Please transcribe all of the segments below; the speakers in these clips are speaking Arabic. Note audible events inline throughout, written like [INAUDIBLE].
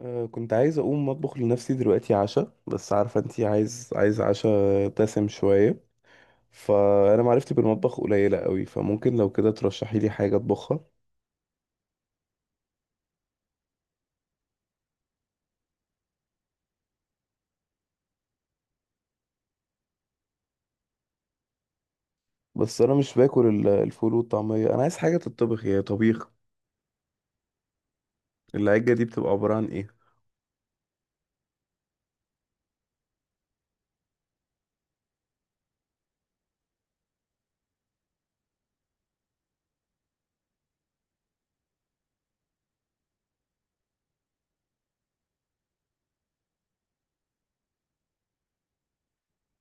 كنت عايز اقوم اطبخ لنفسي دلوقتي عشاء، بس عارفه انتي عايز عشاء دسم شويه. فانا معرفتي بالمطبخ قليله قوي، فممكن لو كده ترشحي لي حاجه اطبخها. بس انا مش باكل الفول والطعميه، انا عايز حاجه تتطبخ يا طبيخ. العجه دي بتبقى عباره عن ايه؟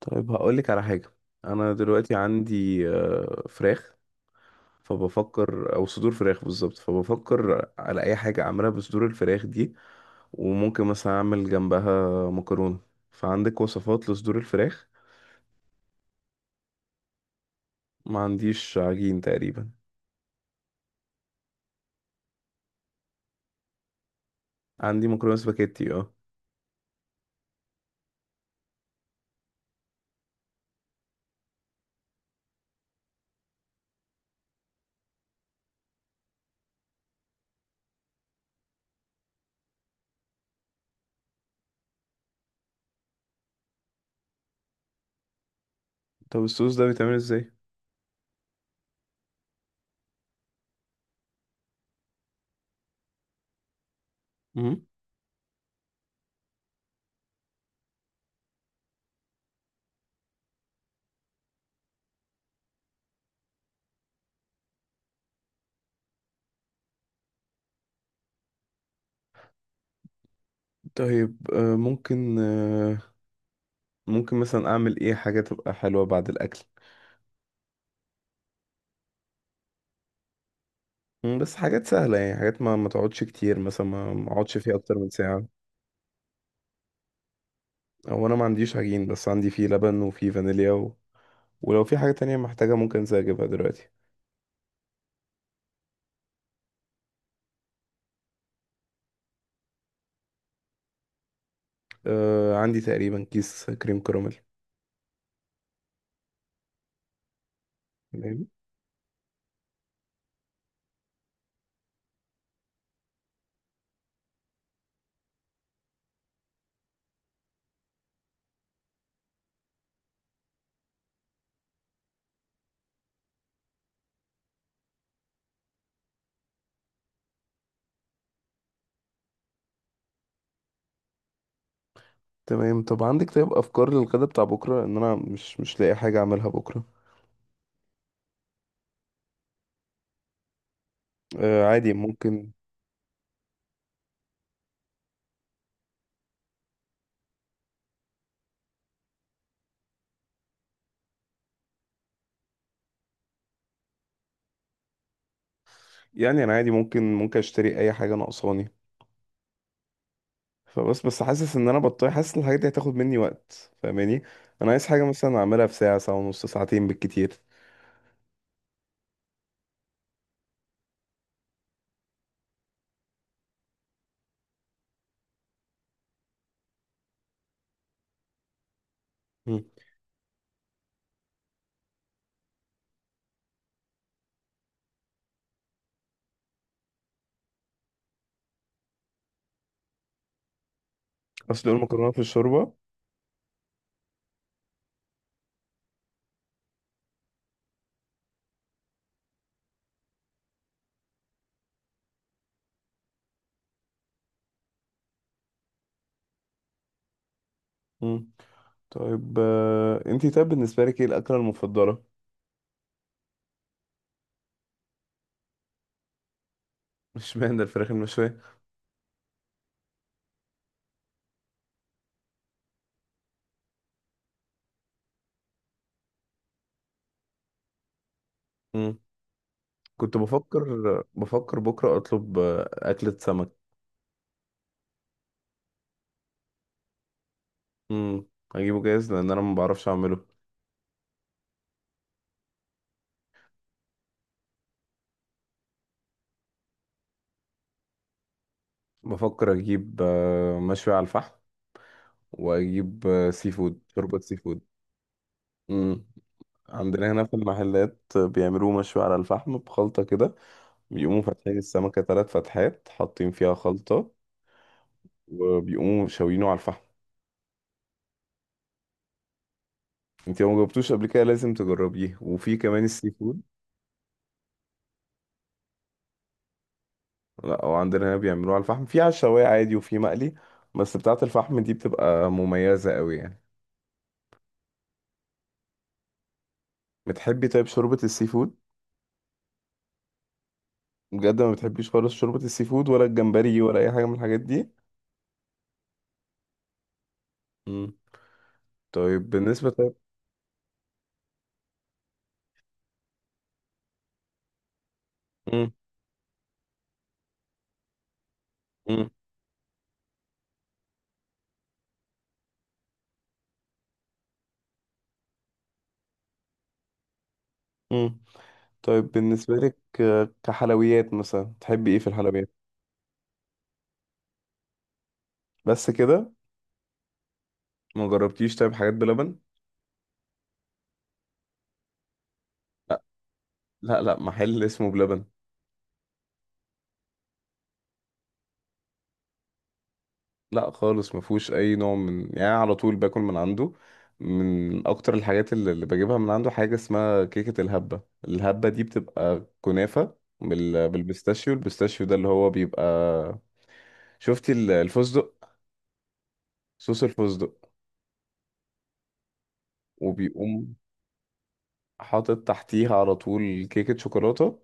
طيب هقولك على حاجه. انا دلوقتي عندي فراخ، فبفكر، او صدور فراخ بالظبط، فبفكر على اي حاجه اعملها بصدور الفراخ دي. وممكن مثلا اعمل جنبها مكرونه، فعندك وصفات لصدور الفراخ؟ ما عنديش عجين تقريبا. عندي مكرونه سباكيتي، اه. طب الصوص ده بيتعمل ازاي؟ مم. طيب، ممكن، ممكن مثلا اعمل ايه حاجه تبقى حلوه بعد الاكل؟ بس حاجات سهله يعني، حاجات ما تقعدش كتير، مثلا ما اقعدش فيها اكتر من ساعه. او انا ما عنديش عجين، بس عندي فيه لبن وفيه فانيليا. ولو في حاجة تانية محتاجة ممكن زي أجيبها دلوقتي. آه، عندي تقريبا كيس كريم كراميل. تمام. تمام. طب عندك طيب أفكار للغدا بتاع بكرة؟ إن أنا مش لاقي حاجة أعملها بكرة. آه، عادي ممكن. يعني أنا عادي، ممكن أشتري أي حاجة ناقصاني. فبس حاسس إن أنا بطيء، حاسس إن الحاجات دي هتاخد مني وقت، فاهماني. أنا عايز حاجة مثلا أعملها في ساعة، ساعة ونص، ساعتين بالكتير. مم. أصل المكرونة في الشوربة؟ مم. طيب، أنتي، طيب بالنسبة لك إيه الأكلة المفضلة؟ [LAUGHS] مش معنى الفراخ المشوية. كنت بفكر بكرة أطلب أكلة سمك. مم. أجيبه جاهز لأن أنا ما بعرفش أعمله. بفكر أجيب مشوي على الفحم، وأجيب سي فود، شوربة سي فود. مم. عندنا هنا في المحلات بيعملوه مشوي على الفحم بخلطة كده. بيقوموا فاتحين السمكة تلات فتحات، حاطين فيها خلطة، وبيقوموا شاويينه على الفحم. انت لو مجربتوش قبل كده لازم تجربيه، وفي كمان السي فود. لا، هو عندنا هنا بيعملوها على الفحم، في على الشوايه عادي وفي مقلي. بس بتاعة الفحم دي بتبقى مميزة قوي يعني. بتحبي طيب شوربة السي فود؟ بجد ما بتحبيش خالص شوربة السي فود ولا الجمبري ولا أي حاجة من الحاجات دي؟ مم. طيب بالنسبة. طيب. مم. مم. مم. طيب بالنسبة لك كحلويات مثلا، تحبي ايه في الحلويات؟ بس كده؟ ما جربتيش طيب حاجات بلبن؟ لا، لا، لا، محل اسمه بلبن. لا خالص، ما فيهوش اي نوع من يعني، أنا على طول باكل من عنده. من اكتر الحاجات اللي بجيبها من عنده حاجه اسمها كيكه الهبه. الهبه دي بتبقى كنافه، بالبيستاشيو. البيستاشيو ده اللي هو بيبقى، شفتي الفستق، صوص الفستق. وبيقوم حاطط تحتيها على طول كيكه شوكولاته.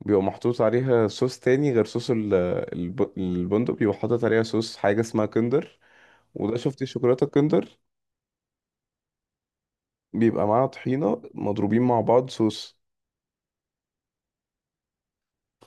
بيبقى محطوط عليها صوص تاني غير صوص البندق. بيبقى حاطط عليها صوص حاجه اسمها كندر. وده شفتي شوكولاته كندر. بيبقى معاها طحينة مضروبين مع بعض صوص.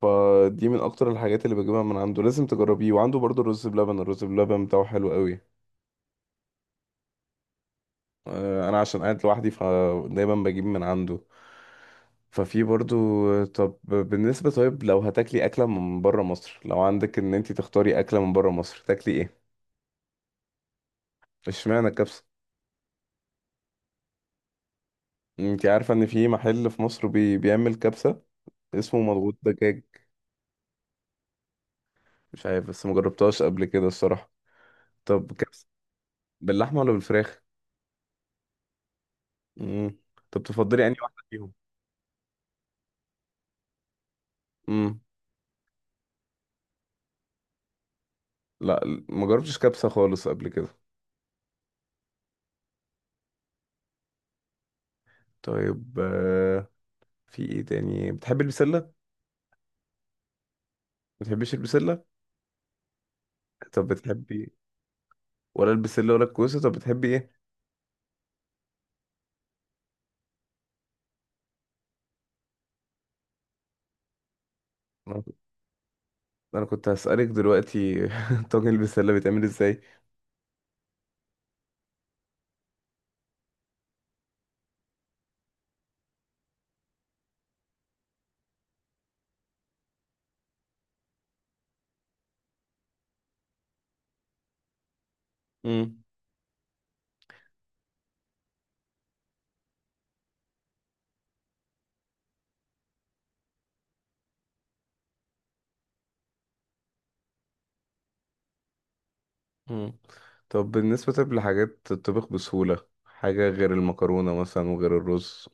فدي من اكتر الحاجات اللي بجيبها من عنده، لازم تجربيه. وعنده برضو الرز بلبن. الرز بلبن بتاعه حلو قوي. آه، انا عشان قاعد لوحدي فدايما بجيب من عنده. ففي برضو. طب بالنسبة طيب، لو هتاكلي أكلة من برا مصر، لو عندك إن أنتي تختاري أكلة من برا مصر، تاكلي إيه؟ اشمعنى الكبسة؟ أنتي عارفة إن في محل في مصر بيعمل كبسة، اسمه مضغوط دجاج. مش عارف بس مجربتهاش قبل كده الصراحة. طب كبسة باللحمة ولا بالفراخ؟ امم. طب تفضلي انهي واحده فيهم؟ امم. لا، ما جربتش كبسه خالص قبل كده. طيب، في ايه تاني بتحبي؟ البسله، ما بتحبيش البسله؟ طب بتحبي، ولا البسله ولا الكوسه، طب بتحبي ايه؟ انا كنت أنا كنت هسألك دلوقتي [LAUGHS] طاجن البسله بيتعمل ازاي؟ امم. امم. طب بالنسبه طب لحاجات تطبخ بسهوله حاجه غير المكرونه مثلا وغير الرز؟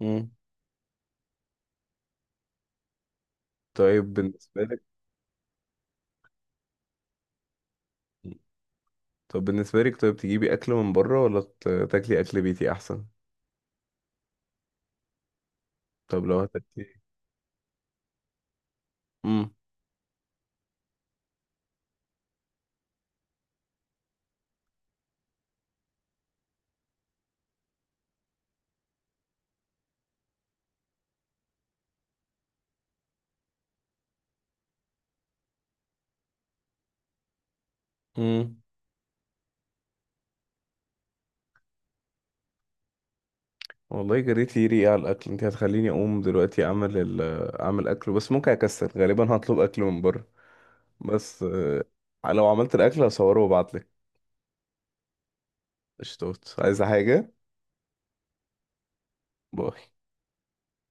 امم. طيب بالنسبه لك طب بالنسبه لك طيب، تجيبي اكل من بره ولا تاكلي اكل بيتي احسن؟ طب لو هتاكلي. امم. امم. والله جريت لي ريقي على الاكل، انت هتخليني اقوم دلوقتي اعمل اعمل اكل. بس ممكن اكسل، غالبا هطلب اكل من بره. بس، لو عملت الاكل هصوره وابعتلك. قشطات عايزه حاجه؟ باي.